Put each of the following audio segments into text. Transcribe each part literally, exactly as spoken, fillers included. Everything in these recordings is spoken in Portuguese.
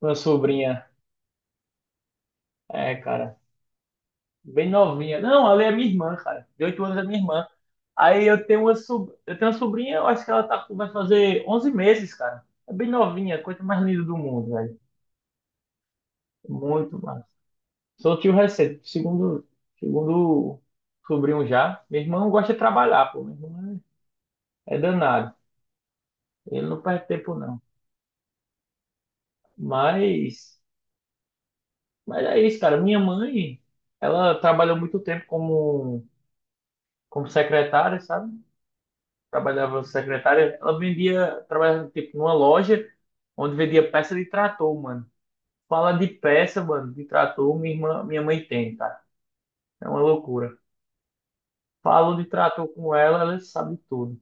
Uma sobrinha. É, cara. Bem novinha. Não, ela é minha irmã, cara. De oito anos é minha irmã. Aí eu tenho uma, sob eu tenho uma sobrinha. Eu acho que ela tá... com- vai fazer onze meses, cara. É bem novinha, coisa mais linda do mundo, velho. Muito massa. Sou tio recente, segundo, segundo sobrinho já. Meu irmão gosta de trabalhar, pô. Meu irmão é é danado. Ele não perde tempo, não. Mas, mas é isso, cara. Minha mãe, ela trabalhou muito tempo como, como secretária, sabe? Trabalhava secretária, ela vendia, trabalhava tipo numa loja onde vendia peça de trator, mano. Fala de peça, mano, de trator, minha irmã, minha mãe tem, cara. É uma loucura. Falo de trator com ela, ela sabe tudo.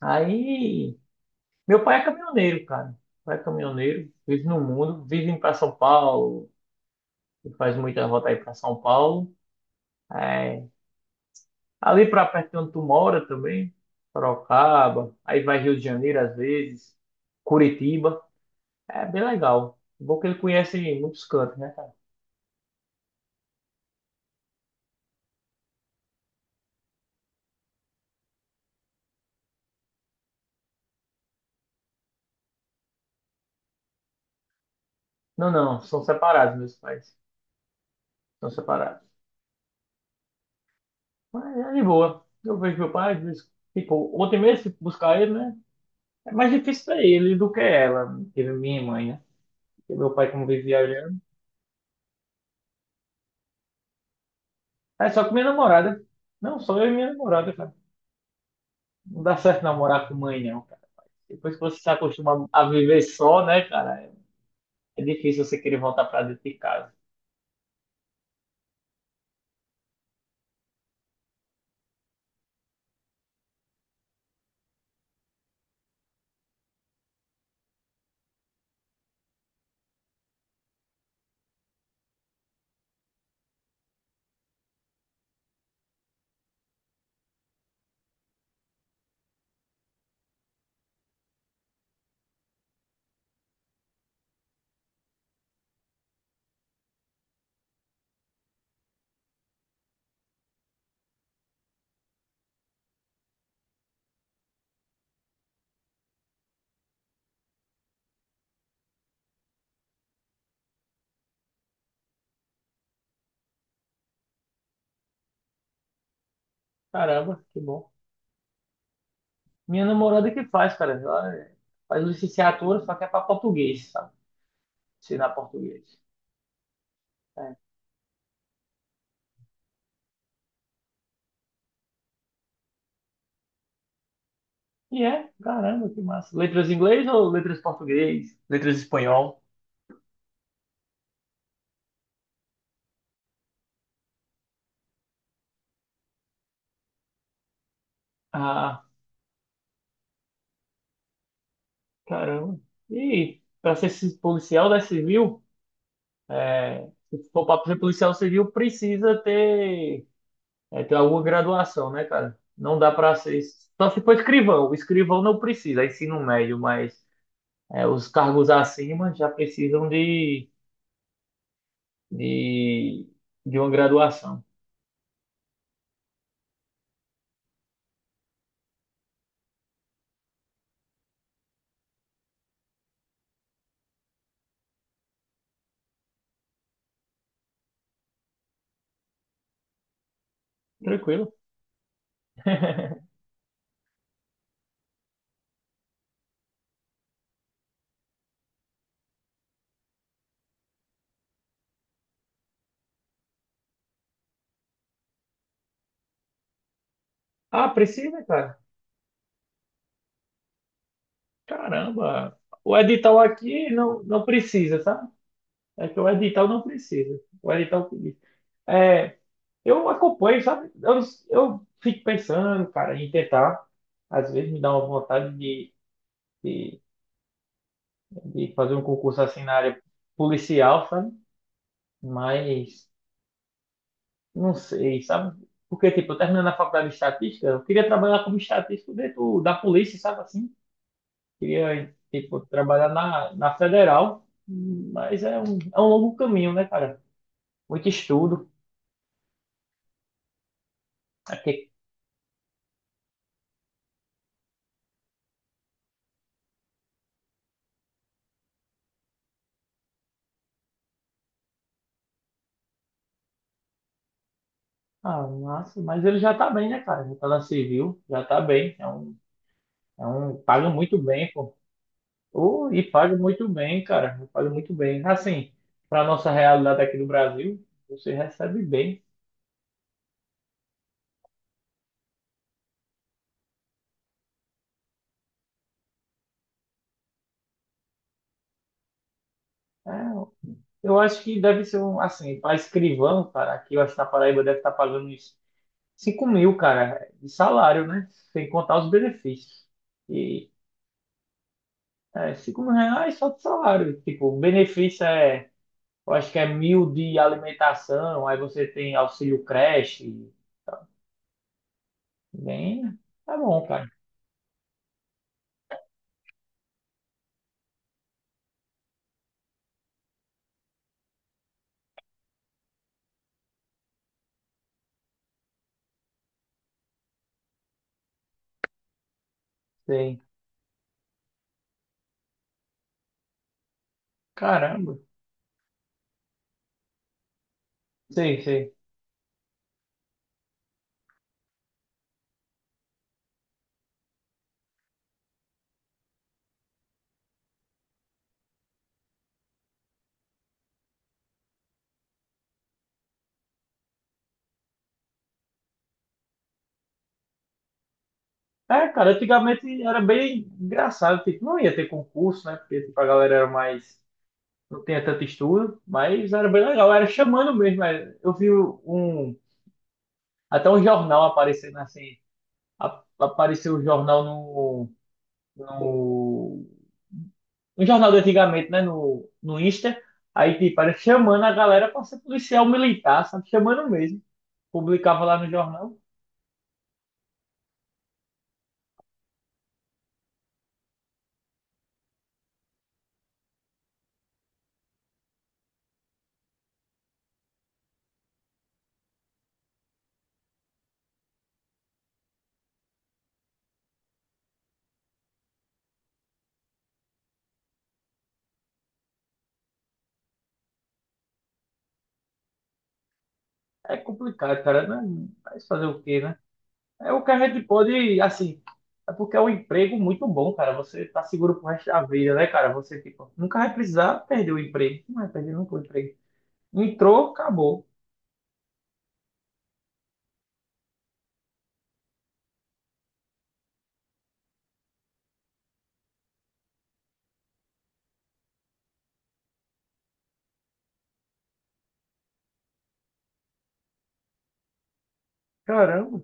Aí, meu pai é caminhoneiro, cara. Meu pai é caminhoneiro, vive no mundo, vive para São Paulo, e faz muita volta aí para São Paulo. É, ali para perto de onde tu mora também, Sorocaba, aí vai Rio de Janeiro às vezes, Curitiba. É bem legal. Bom que ele conhece muitos cantos, né, cara? Não, não, são separados meus pais. São separados. Mas é de boa. Eu vejo meu pai, às vezes, tipo, ontem mesmo fui buscar ele, né? É mais difícil pra ele do que ela, que é minha mãe, né? Porque meu pai, como vive viajando, é só com minha namorada. Não, só eu e minha namorada, cara. Não dá certo namorar com mãe, não, cara. Depois que você se acostuma a viver só, né, cara? É difícil você querer voltar pra dentro de casa. Caramba, que bom. Minha namorada que faz, cara. Ela faz licenciatura, só que é pra português, sabe? Ensinar português. É. E é, caramba, que massa. Letras em inglês ou letras em português? Letras em espanhol? Ah, caramba. E para ser ci- policial da civil, se for pra ser policial civil, precisa ter, é, ter alguma graduação, né, cara? Não dá para ser. Só se for escrivão. O escrivão não precisa, é ensino médio, mas é, os cargos acima já precisam de. de, de uma graduação. Tranquilo. Ah, precisa, cara? Caramba. O edital aqui não, não precisa, sabe? É que o edital não precisa. O edital que- diz. é, eu acompanho, sabe? Eu, eu fico pensando, cara, em tentar. Às vezes me dá uma vontade de, de, de fazer um concurso assim na área policial, sabe? Mas não sei, sabe? Porque, tipo, eu terminando a faculdade de estatística, eu queria trabalhar como estatístico dentro da polícia, sabe assim? Queria tipo, trabalhar na, na federal, mas é um, é um longo caminho, né, cara? Muito estudo. Porque, ah, massa, mas ele já tá bem, né, cara? Já tá na civil, já tá bem. É um, é um, paga muito bem, pô. Oh, e paga muito bem, cara. Paga muito bem. Assim, para nossa realidade aqui do Brasil, você recebe bem. É, eu acho que deve ser um, assim, para escrivão, cara, aqui eu acho que na Paraíba deve estar pagando uns cinco mil, cara, de salário, né? Sem contar os benefícios. E é, cinco mil reais só de salário. Tipo, o benefício é, eu acho que é mil de alimentação, aí você tem auxílio creche. Bem, tá bom, cara. Sei. Caramba. Sim, sim. É, cara, antigamente era bem engraçado, tipo, não ia ter concurso, né? Porque tipo, a galera era mais. Não tinha tanto estudo, mas era bem legal, era chamando mesmo. É. Eu vi um. Até um jornal aparecendo assim, a- apareceu o jornal no, no, no jornal de antigamente, né? No, no Insta. Aí, tipo, era chamando a galera para ser policial militar, sabe? Chamando mesmo. Publicava lá no jornal. É complicado, cara, né, mas fazer o quê, né? É o que a gente pode, assim. É porque é um emprego muito bom, cara. Você tá seguro pro resto da vida, né, cara? Você, tipo, nunca vai precisar perder o emprego. Não vai perder nunca o emprego. Entrou, acabou. Caramba.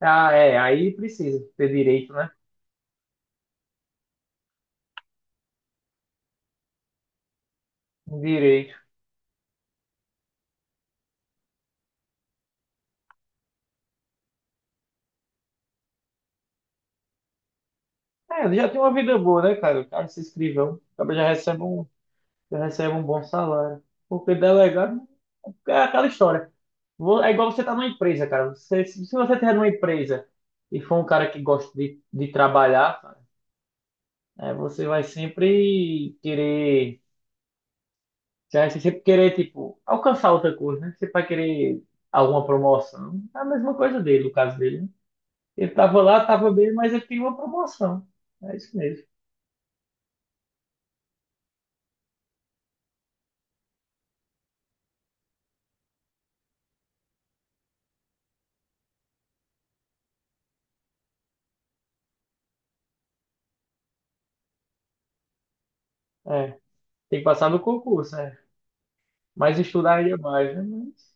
Ah, é. Aí precisa ter direito, né? Um Direito. É, ele já tem uma vida boa, né, cara? O cara se escrivão, acaba já recebe um, já recebe um bom salário. Porque delegado é aquela história. Vo- É igual você tá numa empresa, cara. Você, se se você tiver numa empresa e for um cara que gosta de, de trabalhar, cara, é, você vai sempre querer, você vai sempre querer, tipo, alcançar outra coisa, né? Você vai querer alguma promoção. É a mesma coisa dele, no caso dele, né? Ele tava lá, tava bem, mas ele tem uma promoção. É isso mesmo. É, tem que passar no concurso, é. Mas estudaria mais, né? Mas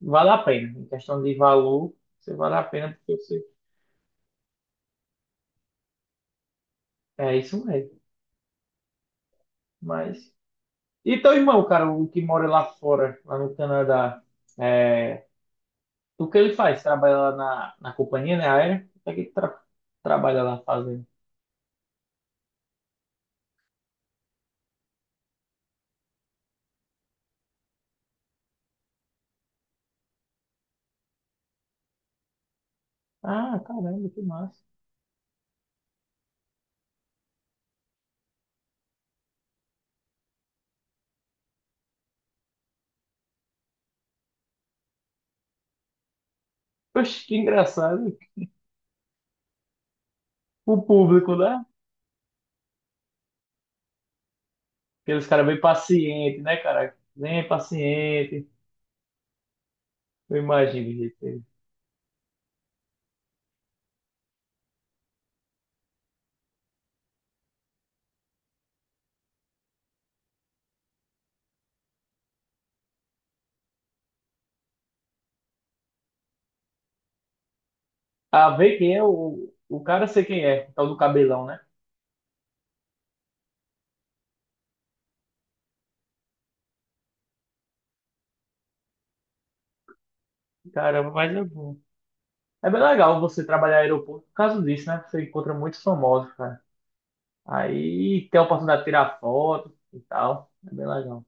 vale a pena. Em questão de valor, você vale a pena porque você. É isso mesmo. Mas. E teu irmão, cara, o que mora lá fora, lá no Canadá, é... o que ele faz? Trabalha lá na, na companhia, né? Aérea? O que é que ele tra- trabalha lá fazendo? Ah, caramba, que massa. Poxa, que engraçado. O público, né? Aqueles caras bem pacientes, né, cara? Bem paciente. Eu imagino, gente. Ah, vê quem é o, o cara, sei quem é. É. O tal do cabelão, né? Caramba, mas é bom. É bem legal você trabalhar em aeroporto por causa disso, né? Você encontra muitos famosos, cara. Aí tem a oportunidade de tirar foto e tal. É bem legal.